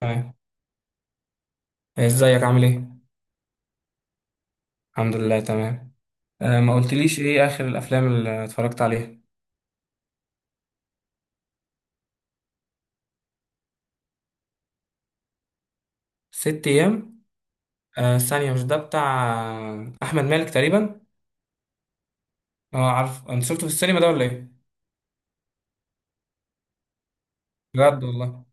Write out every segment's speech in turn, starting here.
تمام. ازيك، عامل ايه؟ الحمد لله، تمام. آه، ما قلتليش ايه اخر الافلام اللي اتفرجت عليها. ست ايام. آه، ثانية، مش ده بتاع احمد مالك تقريبا؟ اه، عارف، انت شفته في السينما ده ولا ايه؟ بجد والله؟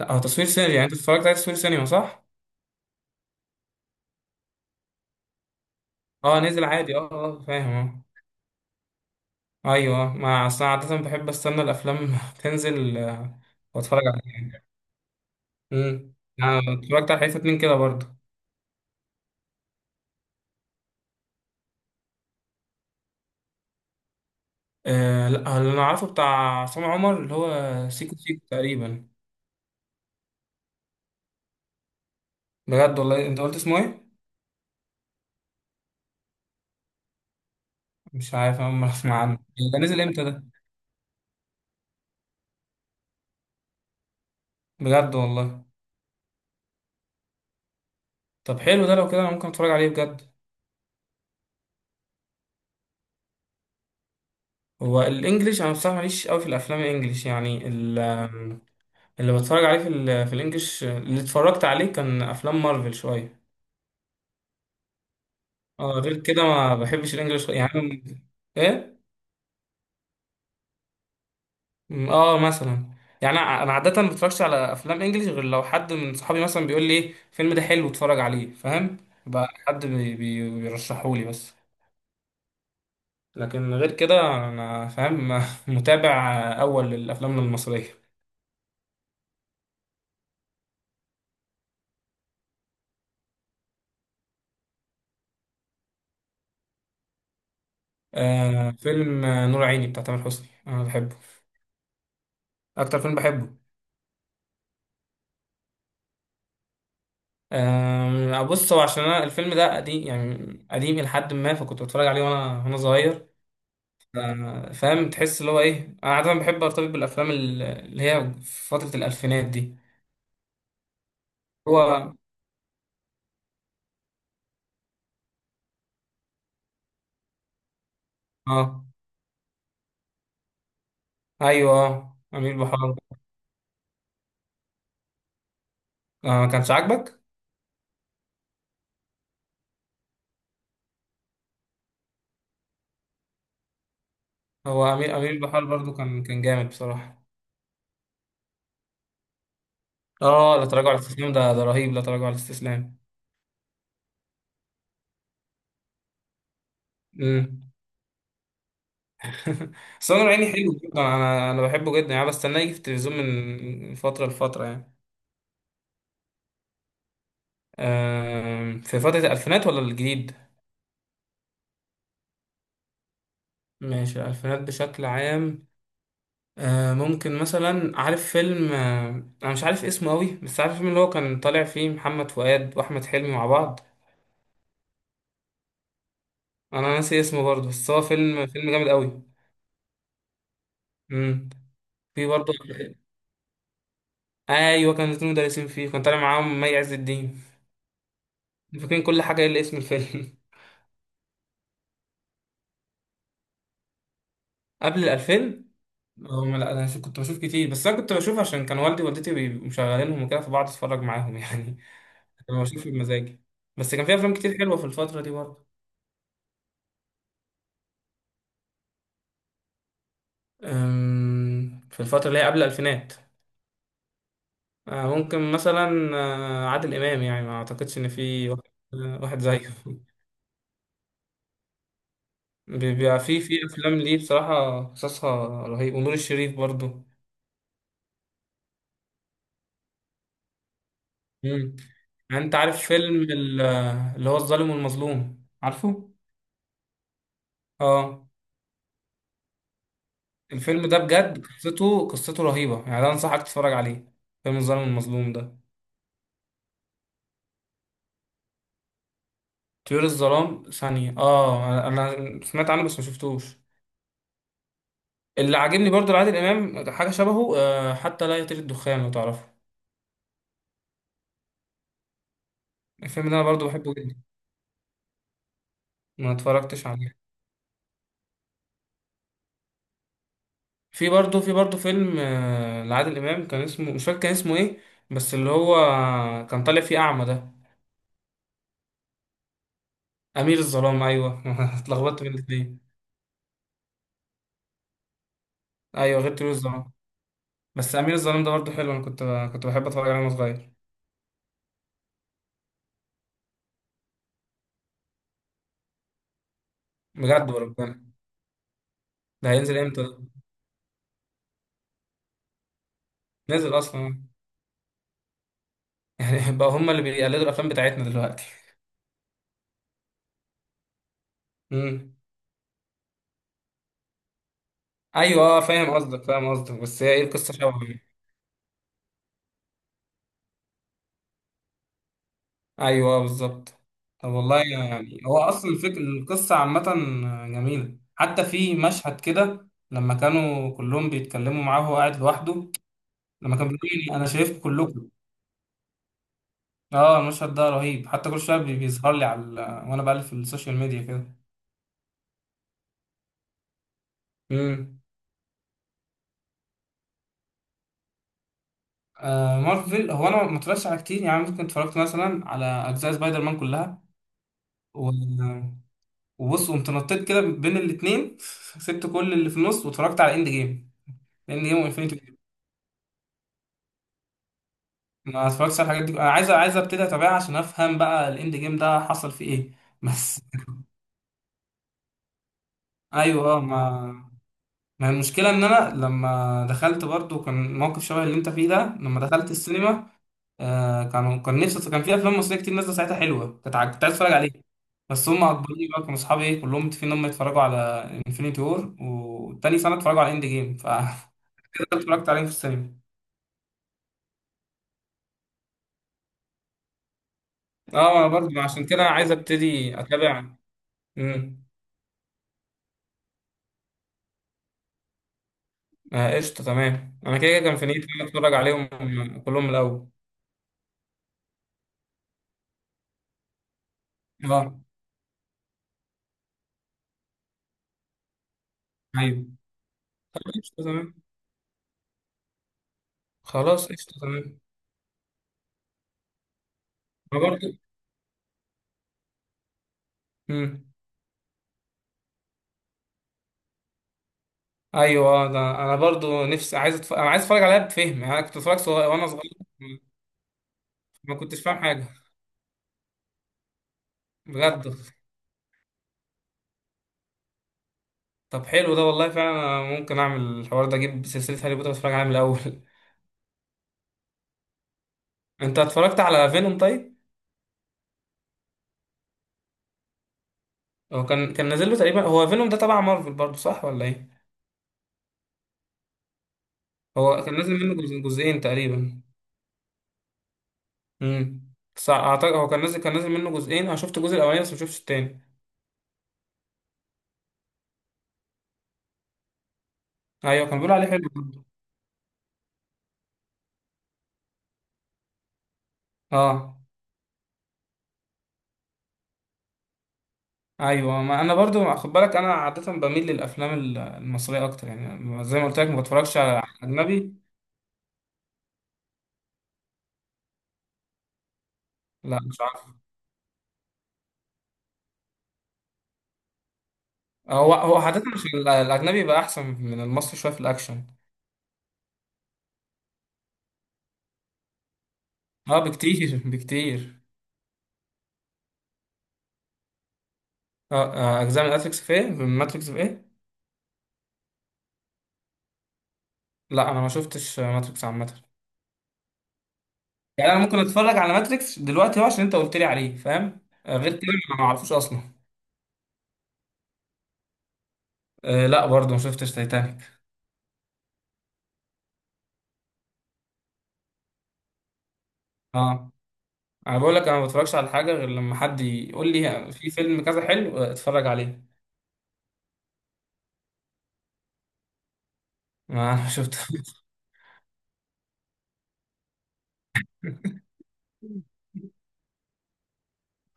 لا، هو تصوير سينما، يعني انت اتفرجت عليه تصوير سينما، صح؟ اه، نزل عادي. اه، اه، فاهم. اه، ايوه، آه. ما اصل أنا عادة بحب استنى الافلام تنزل، واتفرج عليها. امم. انا اتفرجت على حته اتنين كده برضه. آه، لا، اللي انا عارفه بتاع عصام عمر اللي هو سيكو سيكو تقريبا. بجد والله؟ انت قلت اسمه ايه؟ مش عارف، انا ما اسمع عنه. ده نزل امتى ده؟ بجد والله؟ طب حلو، ده لو كده انا ممكن اتفرج عليه بجد. هو الانجليش، انا بصراحه ماليش قوي في الافلام الانجليش، يعني اللي بتفرج عليه في الانجليش اللي اتفرجت عليه كان افلام مارفل شويه. اه، غير كده ما بحبش الانجليش يعني. ايه؟ اه، مثلا. يعني انا عاده ما بتفرجش على افلام انجليش غير لو حد من صحابي مثلا بيقول لي، ايه الفيلم ده حلو اتفرج عليه، فاهم. بقى حد بيرشحهولي بس. لكن غير كده، انا فاهم متابع اول للافلام المصريه. آه، فيلم نور عيني بتاع تامر حسني انا بحبه. اكتر فيلم بحبه. آه، بص، هو عشان انا الفيلم ده قديم، يعني قديم لحد ما فكنت بتفرج عليه وانا صغير. آه، فاهم، تحس اللي هو ايه، انا عاده بحب ارتبط بالافلام اللي هي في فتره الالفينات دي. هو. اه، ايوه، امير بحار. آه، ما كانش عاجبك. هو امير بحار برضو كان جامد بصراحه. اه، لا تراجع على الاستسلام، ده رهيب، لا تراجع على الاستسلام. امم. سمير عيني حلو جدا، انا بحبه جدا، يعني بستناه يجي في التلفزيون من فتره لفتره يعني. في فتره الالفينات ولا الجديد؟ ماشي، الالفينات بشكل عام. ممكن مثلا، عارف فيلم، انا مش عارف اسمه قوي، بس عارف الفيلم اللي هو كان طالع فيه محمد فؤاد واحمد حلمي مع بعض. انا ناسي اسمه برضه، بس هو فيلم جامد قوي. امم. في برضه. آه، ايوه، كان الاتنين مدرسين فيه، كان طالع معاهم مي عز الدين. فاكرين كل حاجة إلا اسم الفيلم. قبل الألفين. لا، أنا كنت بشوف كتير، بس أنا كنت بشوف عشان كان والدي ووالدتي بيبقوا مشغلينهم وكده، فبقعد أتفرج معاهم يعني. كنت بشوف بمزاجي. بس كان في أفلام كتير حلوة في الفترة دي برضه. في الفترة اللي هي قبل الألفينات. ممكن مثلا عادل إمام، يعني ما أعتقدش إن في واحد، واحد زيه بيبقى في أفلام ليه بصراحة قصصها رهيب، ونور الشريف برضه. مم. يعني أنت عارف فيلم اللي هو الظالم والمظلوم، عارفه؟ اه، الفيلم ده بجد قصته رهيبة يعني، ده انصحك تتفرج عليه، فيلم الظالم المظلوم ده. طيور الظلام ثانية، اه، انا سمعت عنه بس ما شفتوش. اللي عاجبني برضو لعادل امام حاجة شبهه، حتى لا يطير الدخان، لو تعرفه. الفيلم ده انا برضو بحبه جدا. ما اتفرجتش عليه. في برضو فيلم لعادل امام، كان اسمه، مش فاكر كان اسمه ايه، بس اللي هو كان طالع فيه اعمى ده. امير الظلام، ايوه. اتلخبطت بين الاتنين. ايوه، غير طيور الظلام. بس امير الظلام ده برضه حلو، انا كنت بحب اتفرج عليه وانا صغير. بجد وربنا؟ ده هينزل امتى ده؟ نزل اصلا؟ يعني بقى هم اللي بيقلدوا الافلام بتاعتنا دلوقتي. امم. ايوه، اه، فاهم قصدك، فاهم قصدك، بس هي ايه القصه، شبه إيه؟ ايوه، بالظبط. طب والله، يعني هو اصلا الفكر القصه عامه. جميله، حتى في مشهد كده لما كانوا كلهم بيتكلموا معاه وهو قاعد لوحده. لما كان بيقول لي، انا شايفكم كلكم. اه، المشهد ده رهيب، حتى كل شويه بيظهر لي على، وانا بقلب في السوشيال ميديا كده. امم. آه، مارفل، هو انا ما اتفرجتش على كتير، يعني ممكن اتفرجت مثلا على اجزاء سبايدر مان كلها. و... وبص، قمت نطيت كده بين الاثنين، سبت كل اللي في النص واتفرجت على اند جيم. اند جيم وانفينيتي جيم. ما اتفرجتش على الحاجات دي، انا عايز ابتدي اتابعها عشان افهم بقى الاند جيم ده حصل فيه ايه. بس. ايوه، اه، ما المشكله ان انا لما دخلت برضو كان موقف شبه اللي انت فيه ده، لما دخلت السينما. آه، كان نفسي، كان في افلام مصريه كتير نازله ساعتها حلوه، كنت عايز اتفرج عليها. بس هم اجبروني بقى، كانوا اصحابي ايه كلهم متفقين ان هم يتفرجوا على انفينيتي وور، وتاني سنه اتفرجوا على اند جيم، ف كده اتفرجت عليهم في السينما. اه، انا برضه عشان كده عايز ابتدي اتابع. امم. آه، قشطه، تمام، انا كده كده كان في نيتي ان أنا اتفرج عليهم كلهم من الاول. اه، ايوه، قشطه تمام، خلاص قشطه تمام، انا برضه. امم. ايوه، ده انا برضو نفسي عايز انا عايز اتفرج عليها بفهم، يعني انا كنت اتفرج صغير وانا صغير، ما كنتش فاهم حاجه. بجد. طب حلو ده والله، فعلا أنا ممكن اعمل الحوار ده، اجيب سلسله هاري بوتر اتفرج عليها من الاول انت اتفرجت على فينوم طيب؟ هو كان نازل له تقريبا، هو فينوم ده تبع مارفل برضو، صح ولا ايه؟ هو كان نازل منه جزئين تقريبا. امم. صح، اعتقد هو كان نازل منه جزئين، انا شفت الجزء الاولاني بس ما شفتش التاني. ايوه، كان بيقولوا عليه حلو برضو. اه، ايوه، ما انا برضو خد بالك، انا عاده بميل للافلام المصريه اكتر، يعني زي ما قلت لك ما بتفرجش على اجنبي. لا، مش عارف. هو عاده مش الاجنبي بقى احسن من المصري شويه في الاكشن. اه، بكتير بكتير. اه، اجزاء من ماتريكس في ايه؟ من ماتريكس في ايه؟ لا، انا ما شفتش ماتريكس عامه. يعني انا ممكن اتفرج على ماتريكس دلوقتي هو عشان انت قلت لي عليه، فاهم. غير كده، ما اعرفوش اصلا. آه، لا، برضو ما شفتش تايتانيك. اه، انا بقول لك انا ما بتفرجش على حاجه غير لما حد يقول لي، في فيلم كذا حلو، اتفرج عليه. ما انا شفت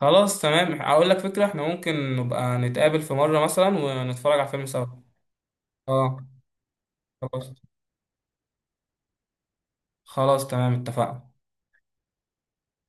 خلاص تمام، اقول لك فكره، احنا ممكن نبقى نتقابل في مره مثلا ونتفرج على فيلم سوا. اه. خلاص، خلاص تمام، اتفقنا.